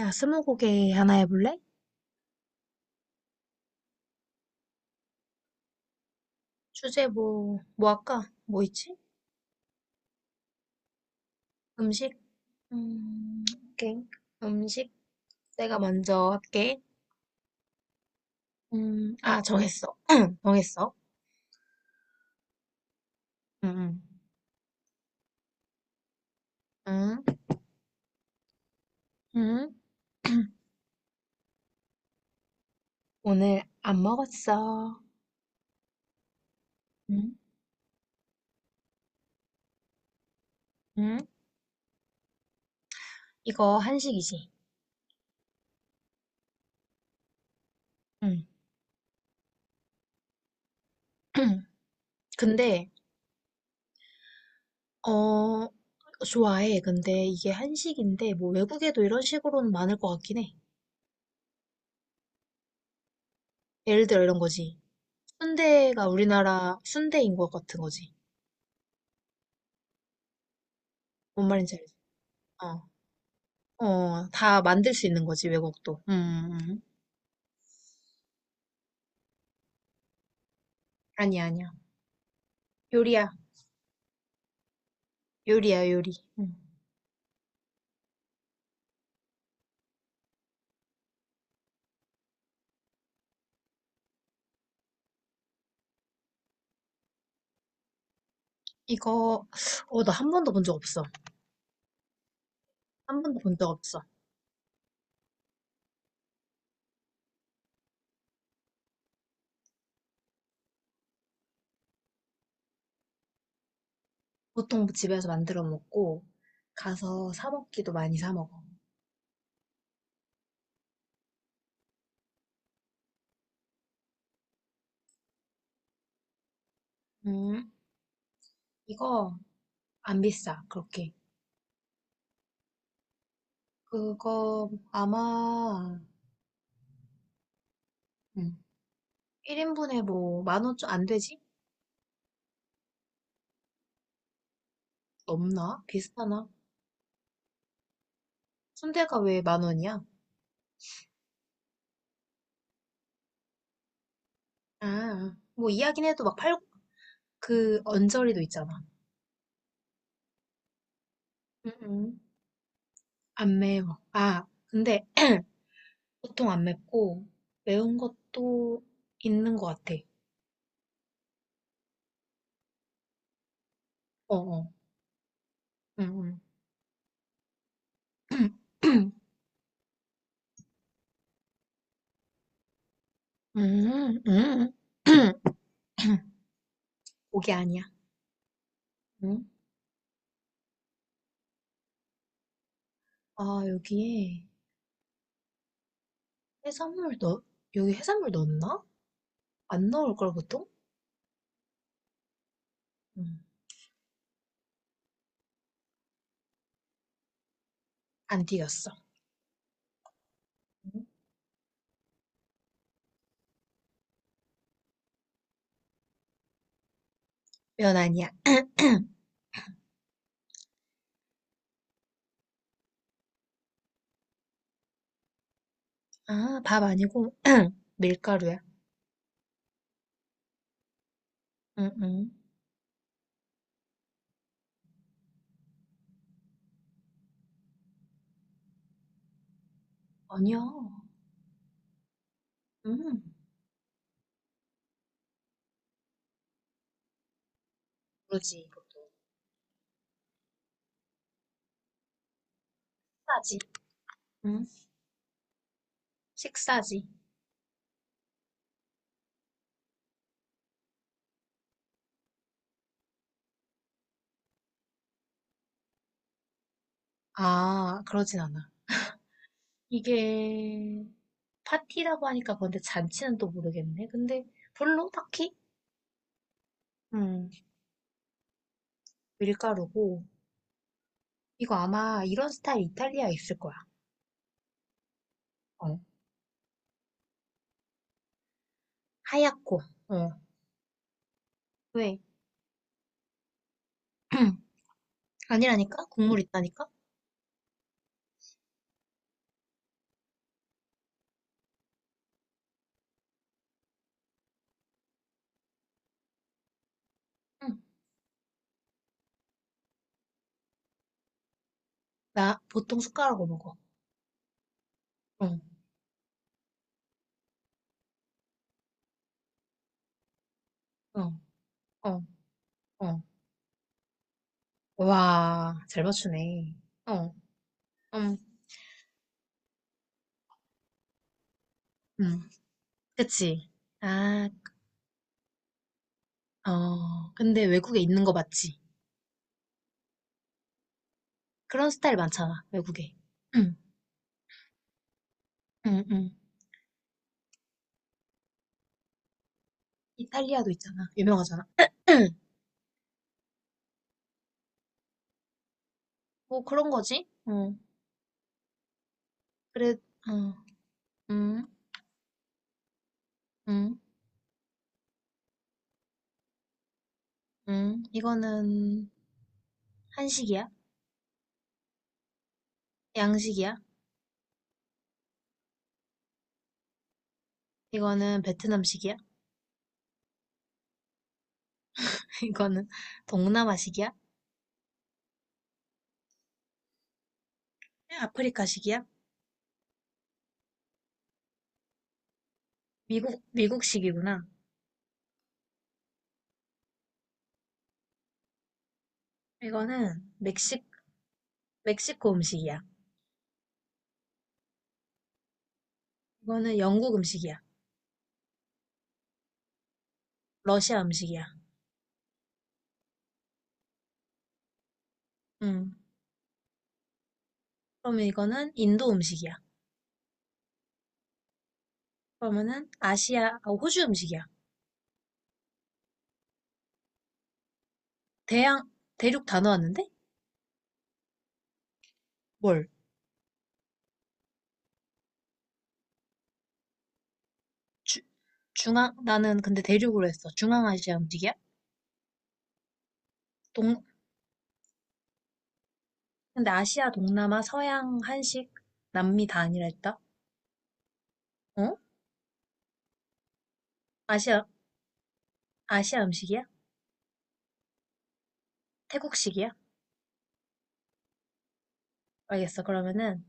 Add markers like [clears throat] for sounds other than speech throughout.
야, 스무고개 하나 해볼래? 주제 뭐, 뭐 할까? 뭐 있지? 음식? 음, 오케이. 음식 내가 먼저 할게. 정했어. [clears throat] 정했어. 응, 응, 응, 응. [clears throat] 오늘 안 먹었어. 응, 응. 이거 한식이지? 응. [clears throat] 근데, 어, 좋아해. 근데 이게 한식인데, 뭐 외국에도 이런 식으로는 많을 것 같긴 해. 예를 들어 이런 거지. 순대가 우리나라 순대인 것 같은 거지. 뭔 말인지 알지? 어, 어, 다 만들 수 있는 거지, 외국도. 음. 아니야, 아니야. 요리야, 요리. 음. 이거, 나 한 번도 본 적 없어. 한 번도 본 적 없어. 보통 집에서 만들어 먹고, 가서 사 먹기도 많이 사 먹어. 음, 이거 안 비싸, 그렇게. 그거 아마, 음, 1인분에 뭐, 10,000원 좀 안 되지? 넘나? 비슷하나? 순대가 왜 만 원이야? 아, 뭐 이야긴 해도 막 팔, 그 언저리도 있잖아. 음, 음. 안 매워. 아, 근데 [clears throat] 보통 안 맵고 매운 것도 있는 것 같아. 어, 어. 음, 음. [clears throat] 음. [clears throat] 고기 아니야. 응? 아, 여기에 해산물 넣, 여기 해산물 넣었나? 안 넣을 걸 보통? 음, 안 튀겼어. 음. 면 아니야. [clears throat] 아, 밥 아니고 [clears throat] 밀가루야. 응응 아니야. 음, 그르지 보통. 식사지, 응 식사지. 아, 그러진 않아. 이게 파티라고 하니까 그런데 잔치는 또 모르겠네. 근데 별로 딱히 음, 밀가루고 이거 아마 이런 스타일 이탈리아에 있을 거야. 어. 하얗고. 어. 왜? [clears throat] 아니라니까? 국물 있다니까? 응. 나 보통 숟가락으로 먹어. 어, 어, 어, 어. 와, 잘 맞추네. 어, 음, 음, 그치. 아, 어, 근데 외국에 있는 거 맞지? 그런 스타일 많잖아, 외국에. 응, 응, 응. 이탈리아도 있잖아. 유명하잖아. [clears throat] 뭐 그런 거지? 어, 그래, 어, 음, 음, 이거는 한식이야? 양식이야? 이거는 베트남식이야? [laughs] 이거는 동남아식이야? 아프리카식이야? 미국, 미국식이구나. 이거는 멕시, 멕시코 음식이야. 이거는 영국 음식이야. 러시아 음식이야. 음. 그러면 이거는 인도 음식이야. 그러면은 아시아, 아, 호주 음식이야. 대양, 대륙 다 넣었는데? 뭘? 주, 중앙, 나는 근데 대륙으로 했어. 중앙아시아 음식이야? 동, 근데 아시아, 동남아, 서양, 한식, 남미 다 아니라 했다? 어? 아시아, 아시아 음식이야? 태국식이야? 알겠어. 그러면은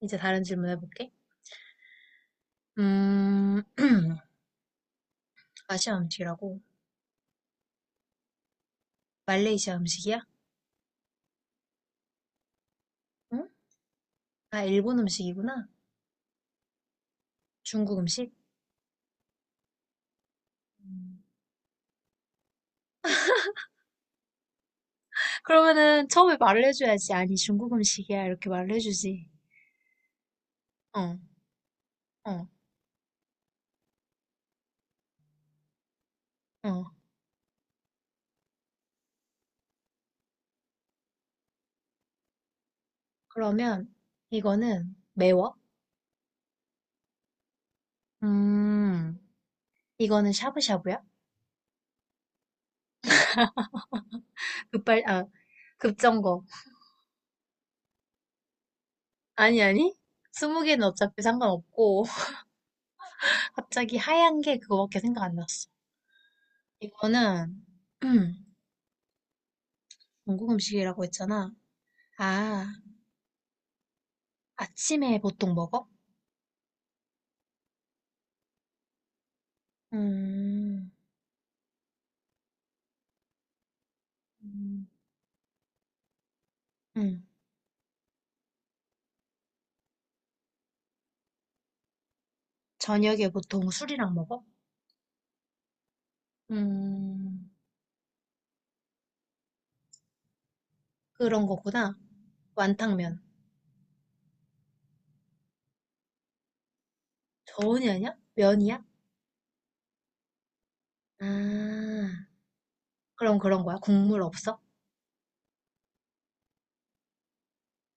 이제 다른 질문 해볼게. 음, [clears throat] 아시아 음식이라고? 말레이시아 음식이야? 응? 아, 일본 음식이구나. 중국 음식? 음, 그러면은 처음에 말을 해줘야지. 아니, 중국 음식이야. 이렇게 말을 해주지. 어, 어, 어. 그러면 이거는 매워? 음, 이거는 샤브샤브야? 급발, 아, 급정거. 아니, 아니. 스무 개는 어차피 상관없고. [laughs] 갑자기 하얀 게 그거밖에 생각 안 났어. 이거는, [clears throat] 음, 중국 음식이라고 했잖아. 아, 아침에 보통 먹어? 음, 음, 음. 저녁에 보통 술이랑 먹어? 음, 그런 거구나. 완탕면. 저온이 아니야? 면이야? 아, 그럼 그런 거야? 국물 없어?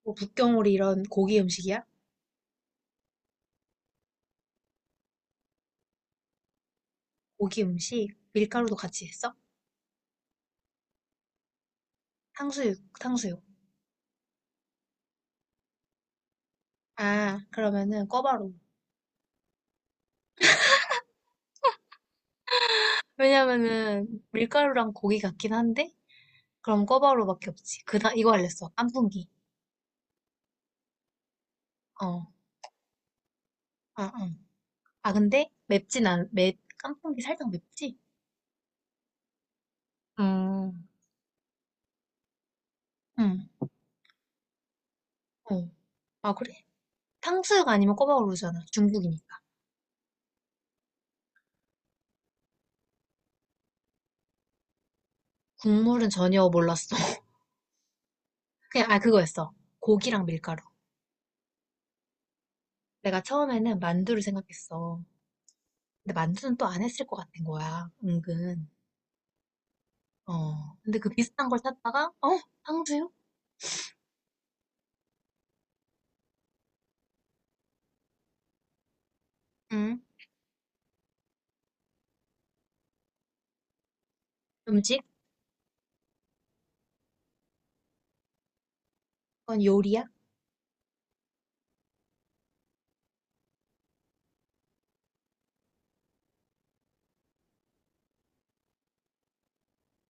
뭐 북경오리 이런 고기 음식이야? 고기 음식? 밀가루도 같이 했어? 탕수육. 아, 그러면은 꿔바로. 왜냐면은 밀가루랑 고기 같긴 한데 그럼 꿔바로밖에 없지. 그다 이거 알렸어. 깐풍기. 어, 아, 응. 아 근데 맵진 않, 맵 깐풍기 살짝 맵지? 음, 응, 어. 아 그래? 탕수육 아니면 꿔바로우잖아 중국이니까. 국물은 전혀 몰랐어. [laughs] 그냥, 아, 그거였어. 고기랑 밀가루. 내가 처음에는 만두를 생각했어. 근데 만두는 또 안 했을 것 같은 거야. 은근. 어. 근데 그 비슷한 걸 찾다가, 어? 탕수육? 응. 음식? 이건 요리야?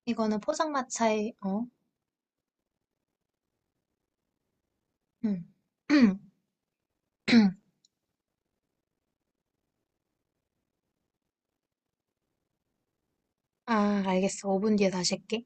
이거는 포장마차에, 어? 응. [clears throat] 아, 알겠어. 5분 뒤에 다시 할게.